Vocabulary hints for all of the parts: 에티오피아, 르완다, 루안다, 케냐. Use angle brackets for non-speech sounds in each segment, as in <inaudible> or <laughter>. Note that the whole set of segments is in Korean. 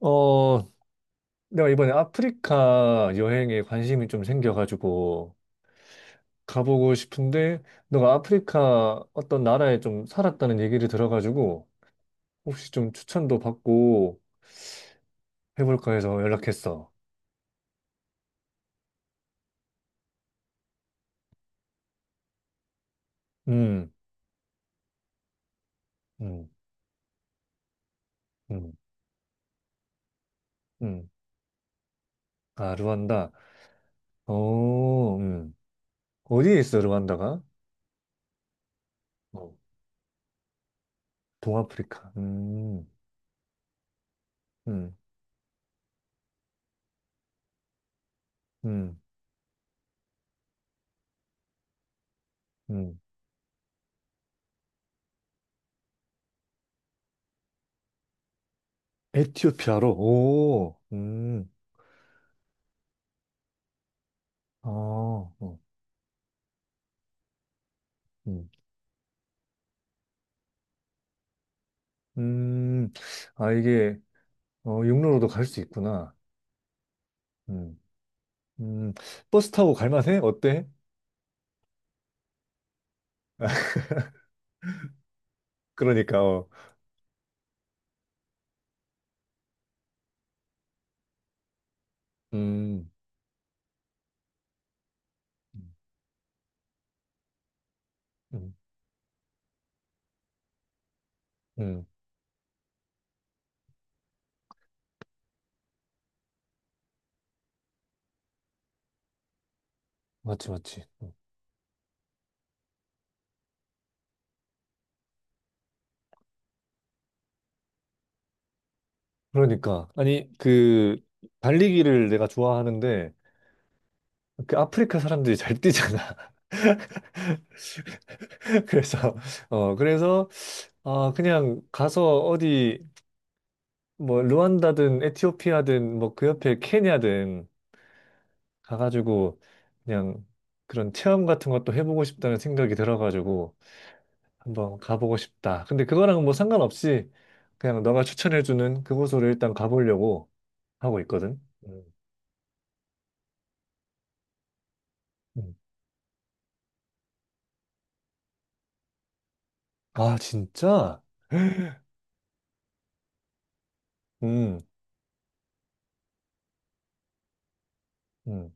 어, 내가 이번에 아프리카 여행에 관심이 좀 생겨가지고 가보고 싶은데, 너가 아프리카 어떤 나라에 좀 살았다는 얘기를 들어가지고, 혹시 좀 추천도 받고 해볼까 해서 연락했어. 음, 음, 음, 음. 아, 루안다. 어, 어디에 있어, 루안다가? 어, 동아프리카. 음, 음, 음. 에티오피아로? 오, 어, 어. 음. 음, 아, 이게, 어, 육로로도 갈 수 있구나. 음, 음, 버스 타고 갈만해? 어때? 그러니까, 어. 음, 음, 음, 맞지, 맞지. 어. 그러니까. 아니, 그, 달리기를 내가 좋아하는데, 그 아프리카 사람들이 잘 뛰잖아. <laughs> 그래서, 어, 그래서, 아, 그냥 가서 어디, 뭐, 르완다든, 에티오피아든, 뭐, 그 옆에 케냐든, 가가지고 그냥 그런 체험 같은 것도 해보고 싶다는 생각이 들어가지고 한번 가보고 싶다. 근데 그거랑 뭐 상관없이 그냥 너가 추천해주는 그곳으로 일단 가보려고 하고 있거든. 음. 음. 아, 진짜? 음, 음.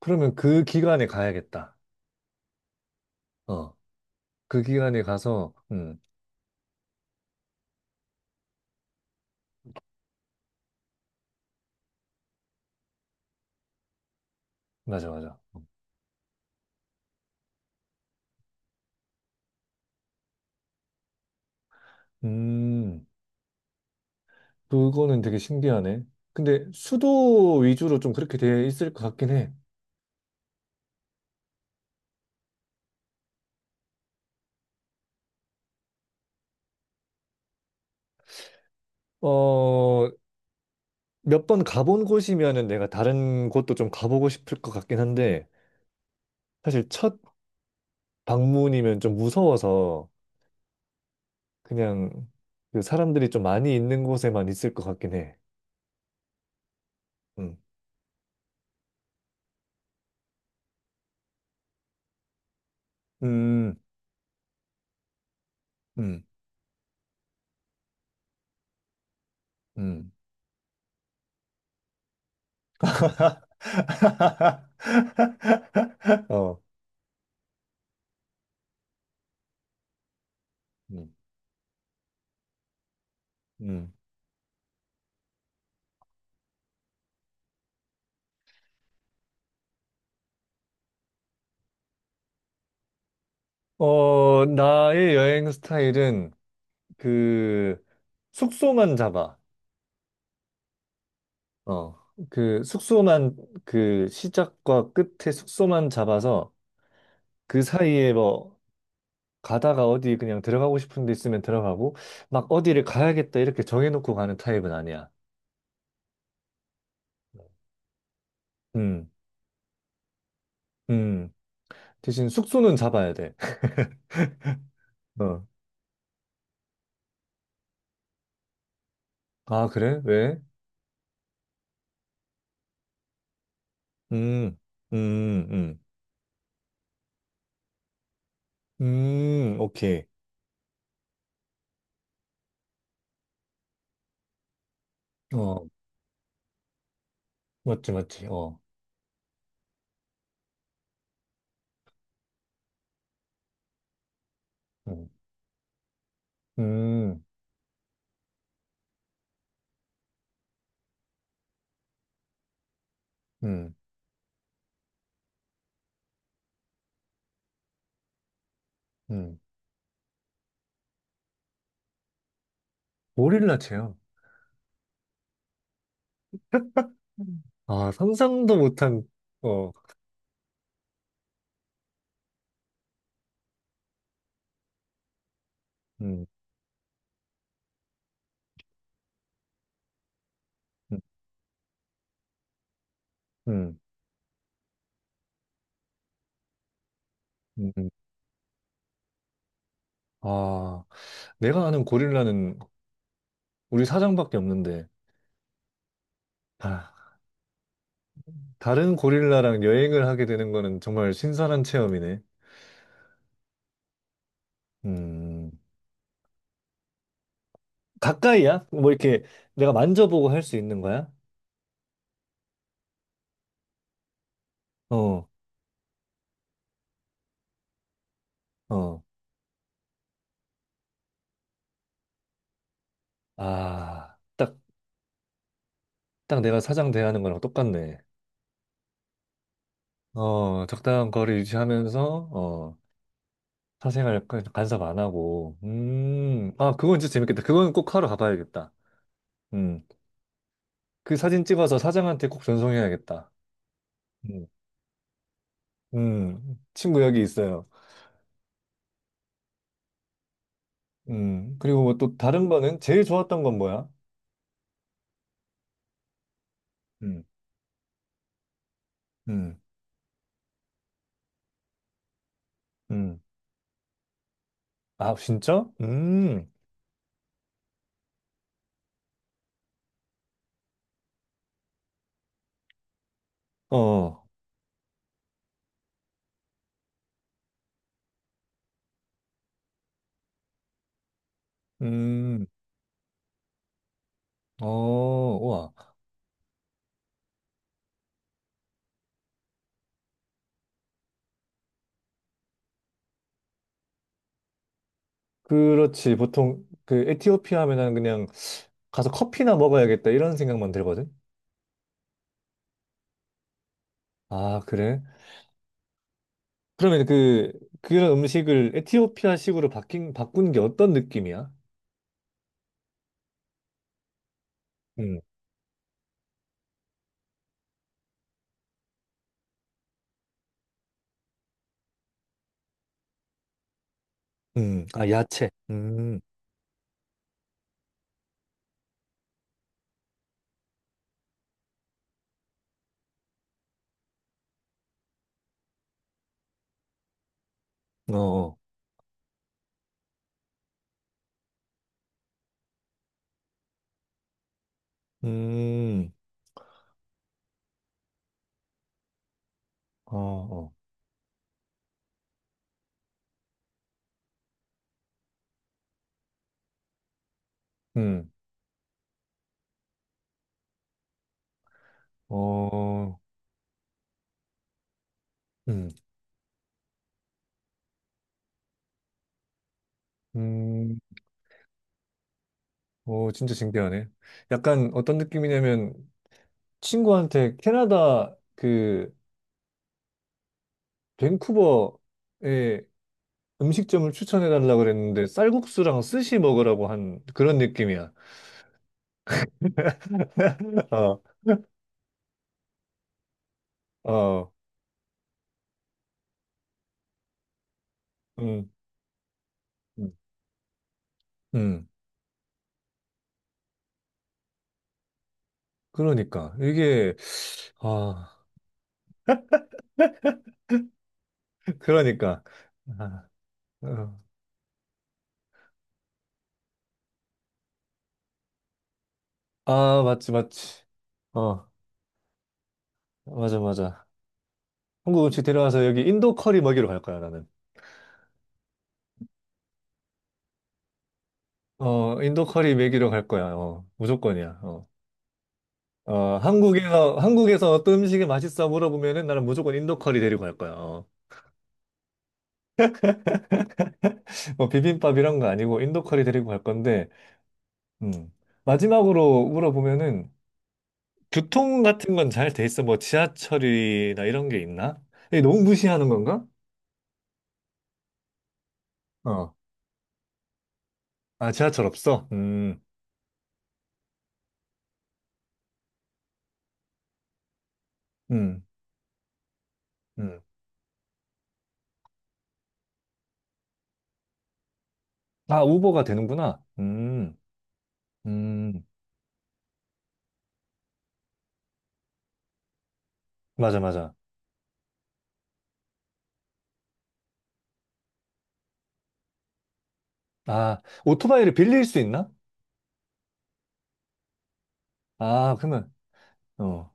그러면 그 기간에 가야겠다. 어, 그 기간에 가서, 맞아, 맞아. 음, 그거는 되게 신기하네. 근데 수도 위주로 좀 그렇게 돼 있을 것 같긴 해. 어, 몇 번 가본 곳이면은 내가 다른 곳도 좀 가보고 싶을 것 같긴 한데 사실 첫 방문이면 좀 무서워서 그냥 그 사람들이 좀 많이 있는 곳에만 있을 것 같긴 해. 음, 음, 음, 음. <laughs> 어, 음, 음. 어, 나의 여행 스타일은 그 숙소만 잡아. 어, 그 숙소만 그 시작과 끝에 숙소만 잡아서 그 사이에 뭐 가다가 어디 그냥 들어가고 싶은 데 있으면 들어가고, 막 어디를 가야겠다 이렇게 정해놓고 가는 타입은 아니야. 음, 음. 대신 숙소는 잡아야 돼. <laughs> 어. 아, 그래? 왜? 음, 음, 음. 오케이. 어, 맞지, 맞지. 어. 음, 음, 음. 음. 고릴라 체험. 음. 아, 상상도 못한, 어, 음, 음, 음, 음. 아, 내가 아는 고릴라는 우리 사장밖에 없는데, 아. 다른 고릴라랑 여행을 하게 되는 거는 정말 신선한 체험이네. 음, 가까이야? 뭐 이렇게 내가 만져보고 할 수 있는 거야? 어, 어. 아, 딱, 딱 내가 사장 대하는 거랑 똑같네. 어, 적당한 거리 유지하면서, 어, 사생활 간섭 안 하고. 아, 그건 진짜 재밌겠다. 그건 꼭 하러 가봐야겠다. 음, 그 사진 찍어서 사장한테 꼭 전송해야겠다. 음, 친구 여기 있어요. 그리고 뭐 또 다른 거는 제일 좋았던 건 뭐야? 음, 음, 음. 아, 진짜? 어, 음, 어, 와. 그렇지. 보통 그 에티오피아 하면은 그냥 가서 커피나 먹어야겠다 이런 생각만 들거든. 아, 그래? 그러면 그, 그런 음식을 에티오피아식으로 바꾼 게 어떤 느낌이야? 음, 아, 야채. 어, 어. 음, 어, 어. 음, 어, 음, 음, 오, 진짜 신기하네. 약간 어떤 느낌이냐면 친구한테 캐나다 그 밴쿠버의 음식점을 추천해 달라고 그랬는데 쌀국수랑 스시 먹으라고 한 그런 느낌이야. <laughs> 어, 어, 음, 음, 음. 그러니까 이게 아, <laughs> 그러니까 아, 어. 아, 맞지, 맞지. 어, 맞아, 맞아. 한국 음식 데려와서 여기 인도 커리 먹이러 갈 거야, 나는. 어, 인도 커리 먹이러 갈 거야. 어, 무조건이야. 어. 어, 한국에서, 한국에서 어떤 음식이 맛있어 물어보면은 나는 무조건 인도 커리 데리고 갈 거야. 어. 뭐 비빔밥 이런 거 아니고 인도 커리 데리고 갈 건데, 음. 마지막으로 물어보면은 교통 같은 건 잘 돼 있어? 뭐 지하철이나 이런 게 있나? 이게 너무 무시하는 건가? 어. 아, 지하철 없어? 음, 음. 아, 우버가 되는구나. 음. 맞아, 맞아. 아, 오토바이를 빌릴 수 있나? 아, 그러면, 어.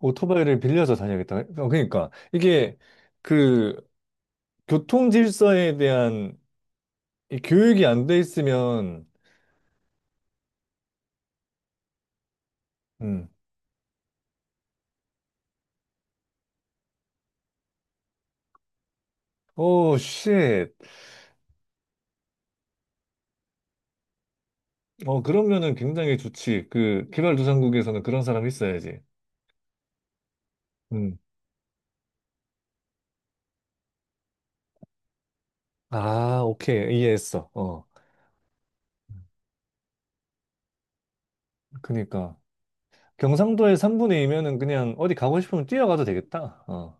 오토바이를 빌려서 다녀야겠다. 어, 그러니까 이게 그 교통 질서에 대한 이 교육이 안 돼 있으면 음. 오, 쉣. 어, 그러면은 굉장히 좋지. 그 개발도상국에서는 그런 사람이 있어야지. 음. 아, 오케이. 이해했어. 어. 그러니까 경상도의 3분의 2면은 그냥 어디 가고 싶으면 뛰어가도 되겠다. 어.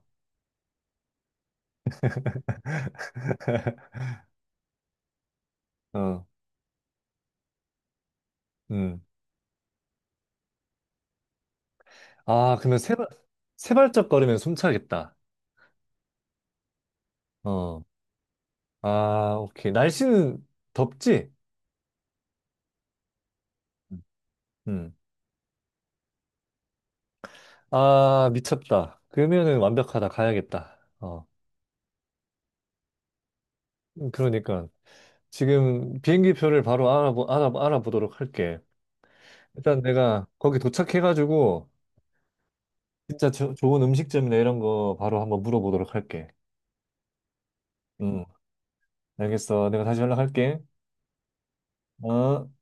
어. 음. 아, 그러면 세 발, 세 발짝 걸으면 숨차겠다. 어. 아, 오케이. 날씨는 덥지? 음. 아, 미쳤다. 그러면은 완벽하다. 가야겠다. 어, 그러니까 지금 비행기 표를 바로 알아보도록 할게. 일단 내가 거기 도착해가지고 진짜 좋은 음식점이나 이런 거 바로 한번 물어보도록 할게. 음, 알겠어. 내가 다시 연락할게. 어?